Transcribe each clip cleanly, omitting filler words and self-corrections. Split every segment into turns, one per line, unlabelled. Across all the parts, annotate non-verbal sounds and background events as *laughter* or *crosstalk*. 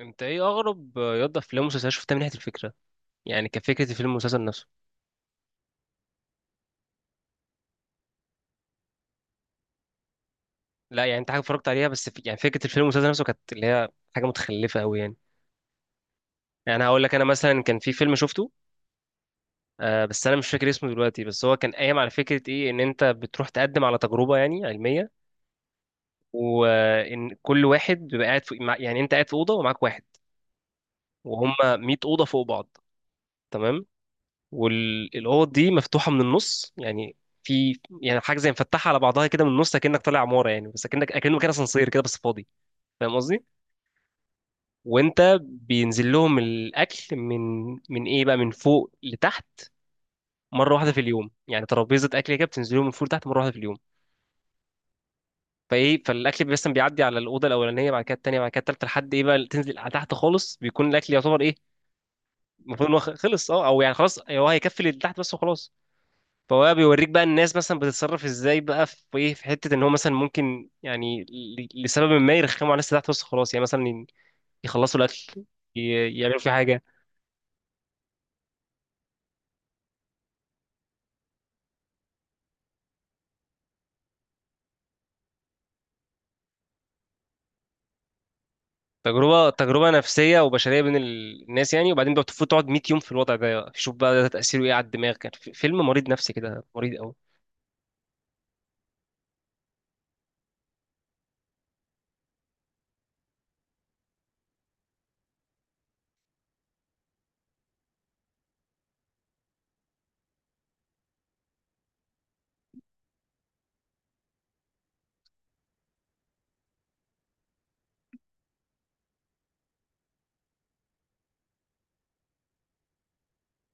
انت ايه اغرب يضف افلام ومسلسلات شفتها من ناحيه الفكره؟ يعني كفكره الفيلم والمسلسل نفسه. لا يعني انت حاجه اتفرجت عليها بس يعني فكره الفيلم والمسلسل نفسه كانت اللي هي حاجه متخلفه قوي يعني. هقول لك انا مثلا كان في فيلم شفته. بس انا مش فاكر اسمه دلوقتي، بس هو كان قايم على فكره ايه، ان انت بتروح تقدم على تجربه يعني علميه، وان كل واحد بيبقى قاعد يعني انت قاعد في اوضه ومعاك واحد، وهم 100 اوضه فوق بعض. تمام. والاوض دي مفتوحه من النص يعني، في يعني حاجه زي مفتحه على بعضها كده من النص، اكنك طالع عماره يعني، بس اكنه مكان اسانسير كده بس فاضي. فاهم قصدي؟ وانت بينزل لهم الاكل من ايه بقى، من فوق لتحت، مره واحده في اليوم يعني. ترابيزه اكل كده بتنزل لهم من فوق لتحت مره واحده في اليوم. فايه، فالاكل بس بيعدي على الاوضه الاولانيه، بعد كده الثانيه، بعد كده الثالثه، لحد ايه بقى تنزل على تحت خالص، بيكون الاكل يعتبر ايه؟ المفروض ان هو خلص، اه، او يعني خلاص، أيوه، هو هيكفي اللي تحت بس وخلاص. فهو بقى بيوريك بقى الناس مثلا بتتصرف ازاي بقى، في ايه، في حته ان هو مثلا ممكن يعني لسبب ما يرخموا على الناس اللي تحت وسط خلاص يعني، مثلا يخلصوا الاكل، يعملوا فيه حاجه. تجربه نفسيه وبشريه بين الناس يعني، وبعدين بقى بتفوت تقعد 100 يوم في الوضع ده، شوف بقى ده تاثيره ايه على الدماغ. كان فيلم مريض نفسي كده، مريض قوي.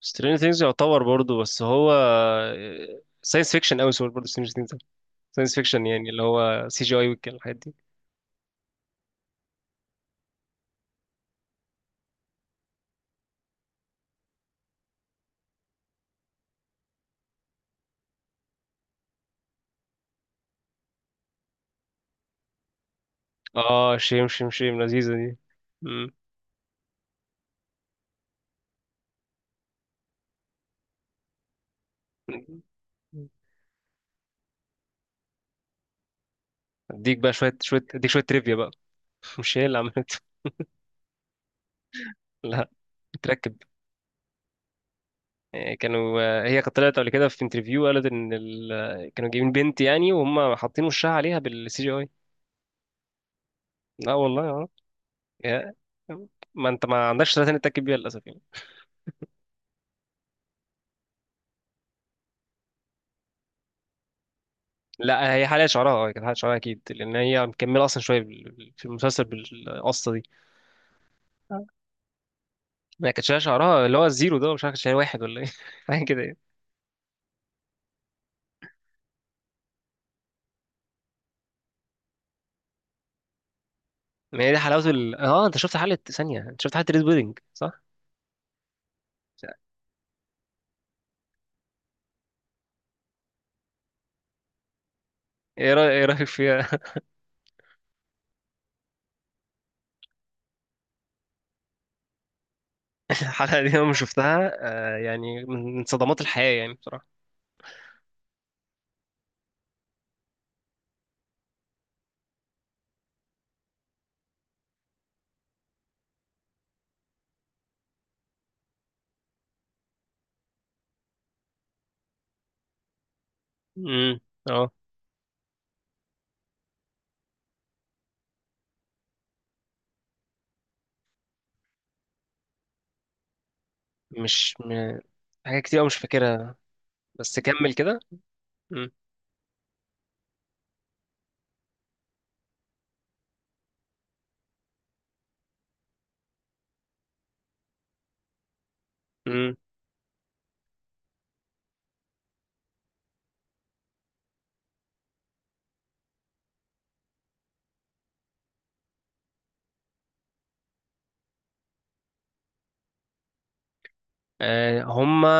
سترينجر ثينجز يعتبر برضه، بس هو ساينس فيكشن قوي. سوري، برضه سترينجر ثينجز ساينس فيكشن يعني، اللي هو سي جي اي والحاجات دي. اه شيم شيم شيم، لذيذه دي. مم. اديك بقى شويه، اديك شويه تريفيا بقى. *laughs* مش هي اللي عملت. *laughs* لا، متركب. آه، كانوا آه، هي كانت طلعت قبل كده في انترفيو، قالت ان ال... آه، كانوا جايبين بنت يعني، وهم حاطين وشها عليها بالسي جي اي. لا والله، اه. يا- ما انت ما عندكش ثلاثه تتاكد بيها للاسف يعني. لا هي حاليا شعرها، كانت حاليا شعرها اكيد، لان هي مكمله اصلا شويه في المسلسل بالقصه دي. آه. ما كانتش لها شعرها اللي هو الزيرو ده، مش عارف كانت شايل واحد ولا ايه *laughs* حاجه كده يعني. ما هي دي حلاوه ال... اه انت شفت حلقه ثانيه، انت شفت حلقه ريد ويدنج صح؟ إيه رايك فيها؟ الحلقة دي أنا لما شفتها، آه، يعني من صدمات الحياة يعني بصراحة. امم. اه مش م... حاجات كتير أوي مش فاكرها، بس كمل كده. امم. امم. آه، هما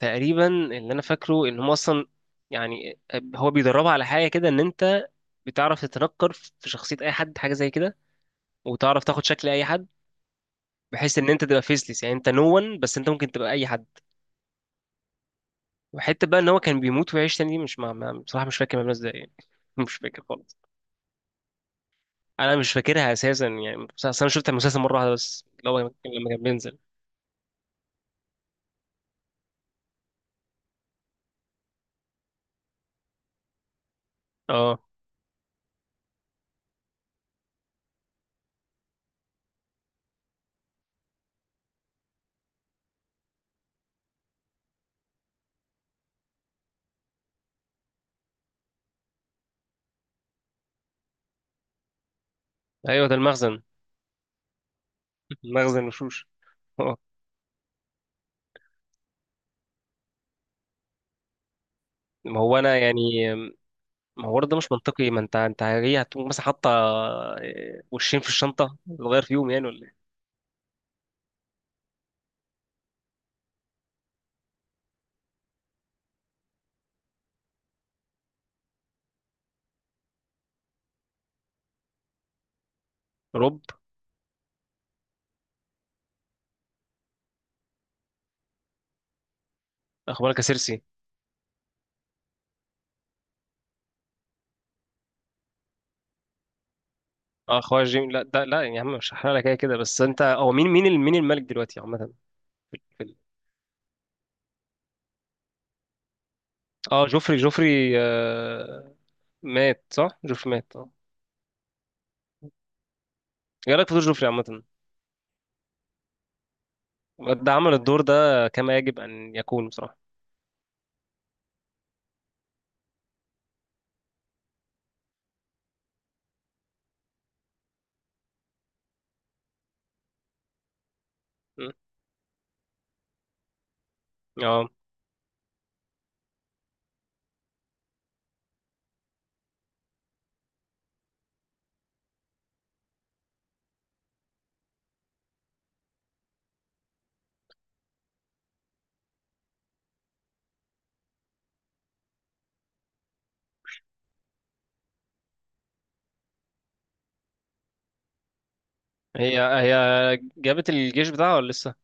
تقريبا اللي أنا فاكره إن هما أصلا يعني، آه، هو بيدربها على حاجة كده، إن أنت بتعرف تتنكر في شخصية أي حد، حاجة زي كده، وتعرف تاخد شكل أي حد، بحيث إن أنت تبقى فيسلس يعني، أنت نو ون، بس أنت ممكن تبقى أي حد. وحتة بقى إن هو كان بيموت ويعيش تاني دي مش بصراحة مش فاكر مبنى إزاي يعني. *laughs* مش فاكر خالص. انا مش فاكرها اساسا يعني، بس أصل انا شفت المسلسل مره واحده بس، اللي هو لما كان بينزل. اه، ايوه ده المخزن. *laughs* مخزن الوشوش. اه، ما هو انا يعني، ما هو ده مش منطقي. ما انت هي هتقوم مثلا حاطه، آه، وشين في الشنطه تغير فيهم يعني ولا إيه؟ روب. اخبارك يا سيرسي. اه اخويا جيم، لا ده، لا يا عم مش هحرق لك كده كده، بس انت هو مين، مين الملك دلوقتي عامه؟ في ال- في ال- اه جوفري، جوفري، آه، مات صح؟ جوفري مات اه. ايه رايك في دور جوفري عامه؟ ده عمل الدور ده كما يجب أن يكون بصراحة. م. اه هي جابت الجيش بتاعها ولا لسه؟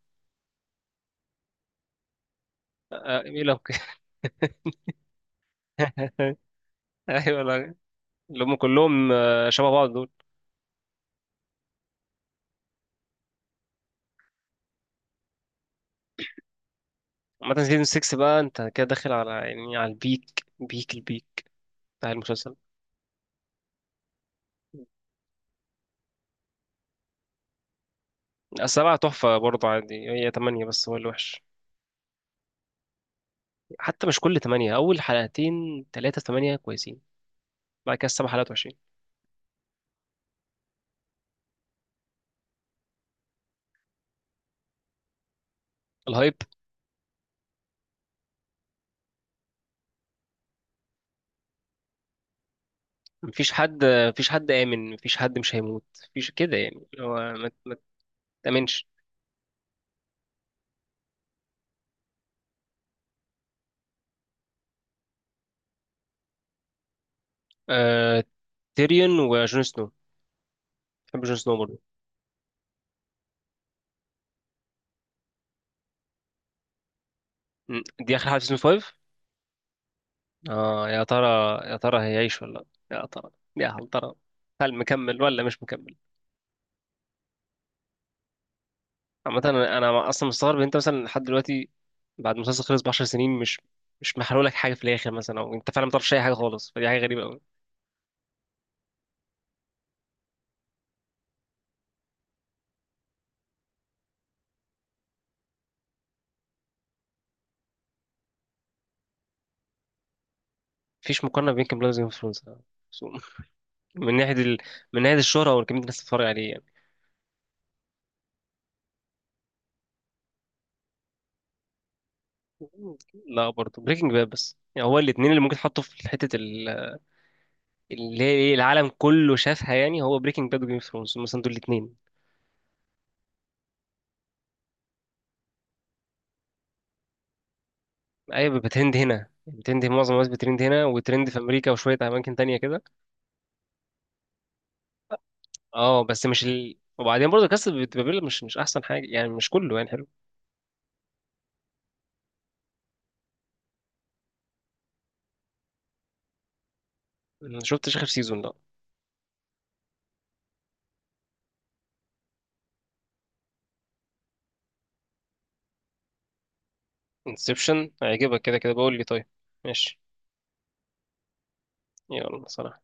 آه، آه، ايه لو ك- *laughs* ايوه. لا اللي هم كلهم، آه، شبه بعض دول. عامة سيزون 6 بقى انت كده داخل على يعني على البيك بتاع المسلسل. السبعة تحفة برضه عادي، هي تمانية بس هو اللي وحش. حتى مش كل تمانية، أول حلقتين تلاتة تمانية كويسين، بعد كده السبع حلقات وحشين. الهايب. مفيش حد آمن، مفيش حد مش هيموت. مفيش كده يعني، هو ما تأمنش. آه... تيريون وجون سنو. بحب جون سنو برضه. مم. دي آخر حلقة في سيزون 5. اه يا ترى، يا ترى هيعيش ولا لا؟ يا ترى، يا هل ترى هل مكمل ولا مش مكمل؟ عامة أنا اصلا مستغرب إن انت مثلا لحد دلوقتي، بعد المسلسل خلص ب 10 سنين، مش محرق لك حاجة في الآخر مثلا، او انت فعلا ما تعرفش اي حاجة خالص، فدي حاجة غريبة قوي. مفيش مقارنة بين كيم بلاد وجيم اوف ثرونز. *laughs* من ناحية ال... من ناحية الشهرة او كمية الناس اللي بتتفرج عليه يعني. لا برضه بريكنج باد، بس يعني هو الاتنين اللي ممكن تحطوا في حتة ال... اللي هي ايه، العالم كله شافها يعني، هو بريكنج باد وجيم اوف ثرونز مثلا، دول الاثنين. ايوه بترند هنا، بترند هنا، معظم الناس بترند هنا، وترند في امريكا وشويه اماكن تانية كده. اه بس مش ال... وبعدين برضه كاس بابيل مش احسن حاجه يعني، مش كله يعني حلو. انا شفتش اخر سيزون ده. انسبشن هيعجبك كده كده بقول لي. طيب، ماشي. يلا سلام.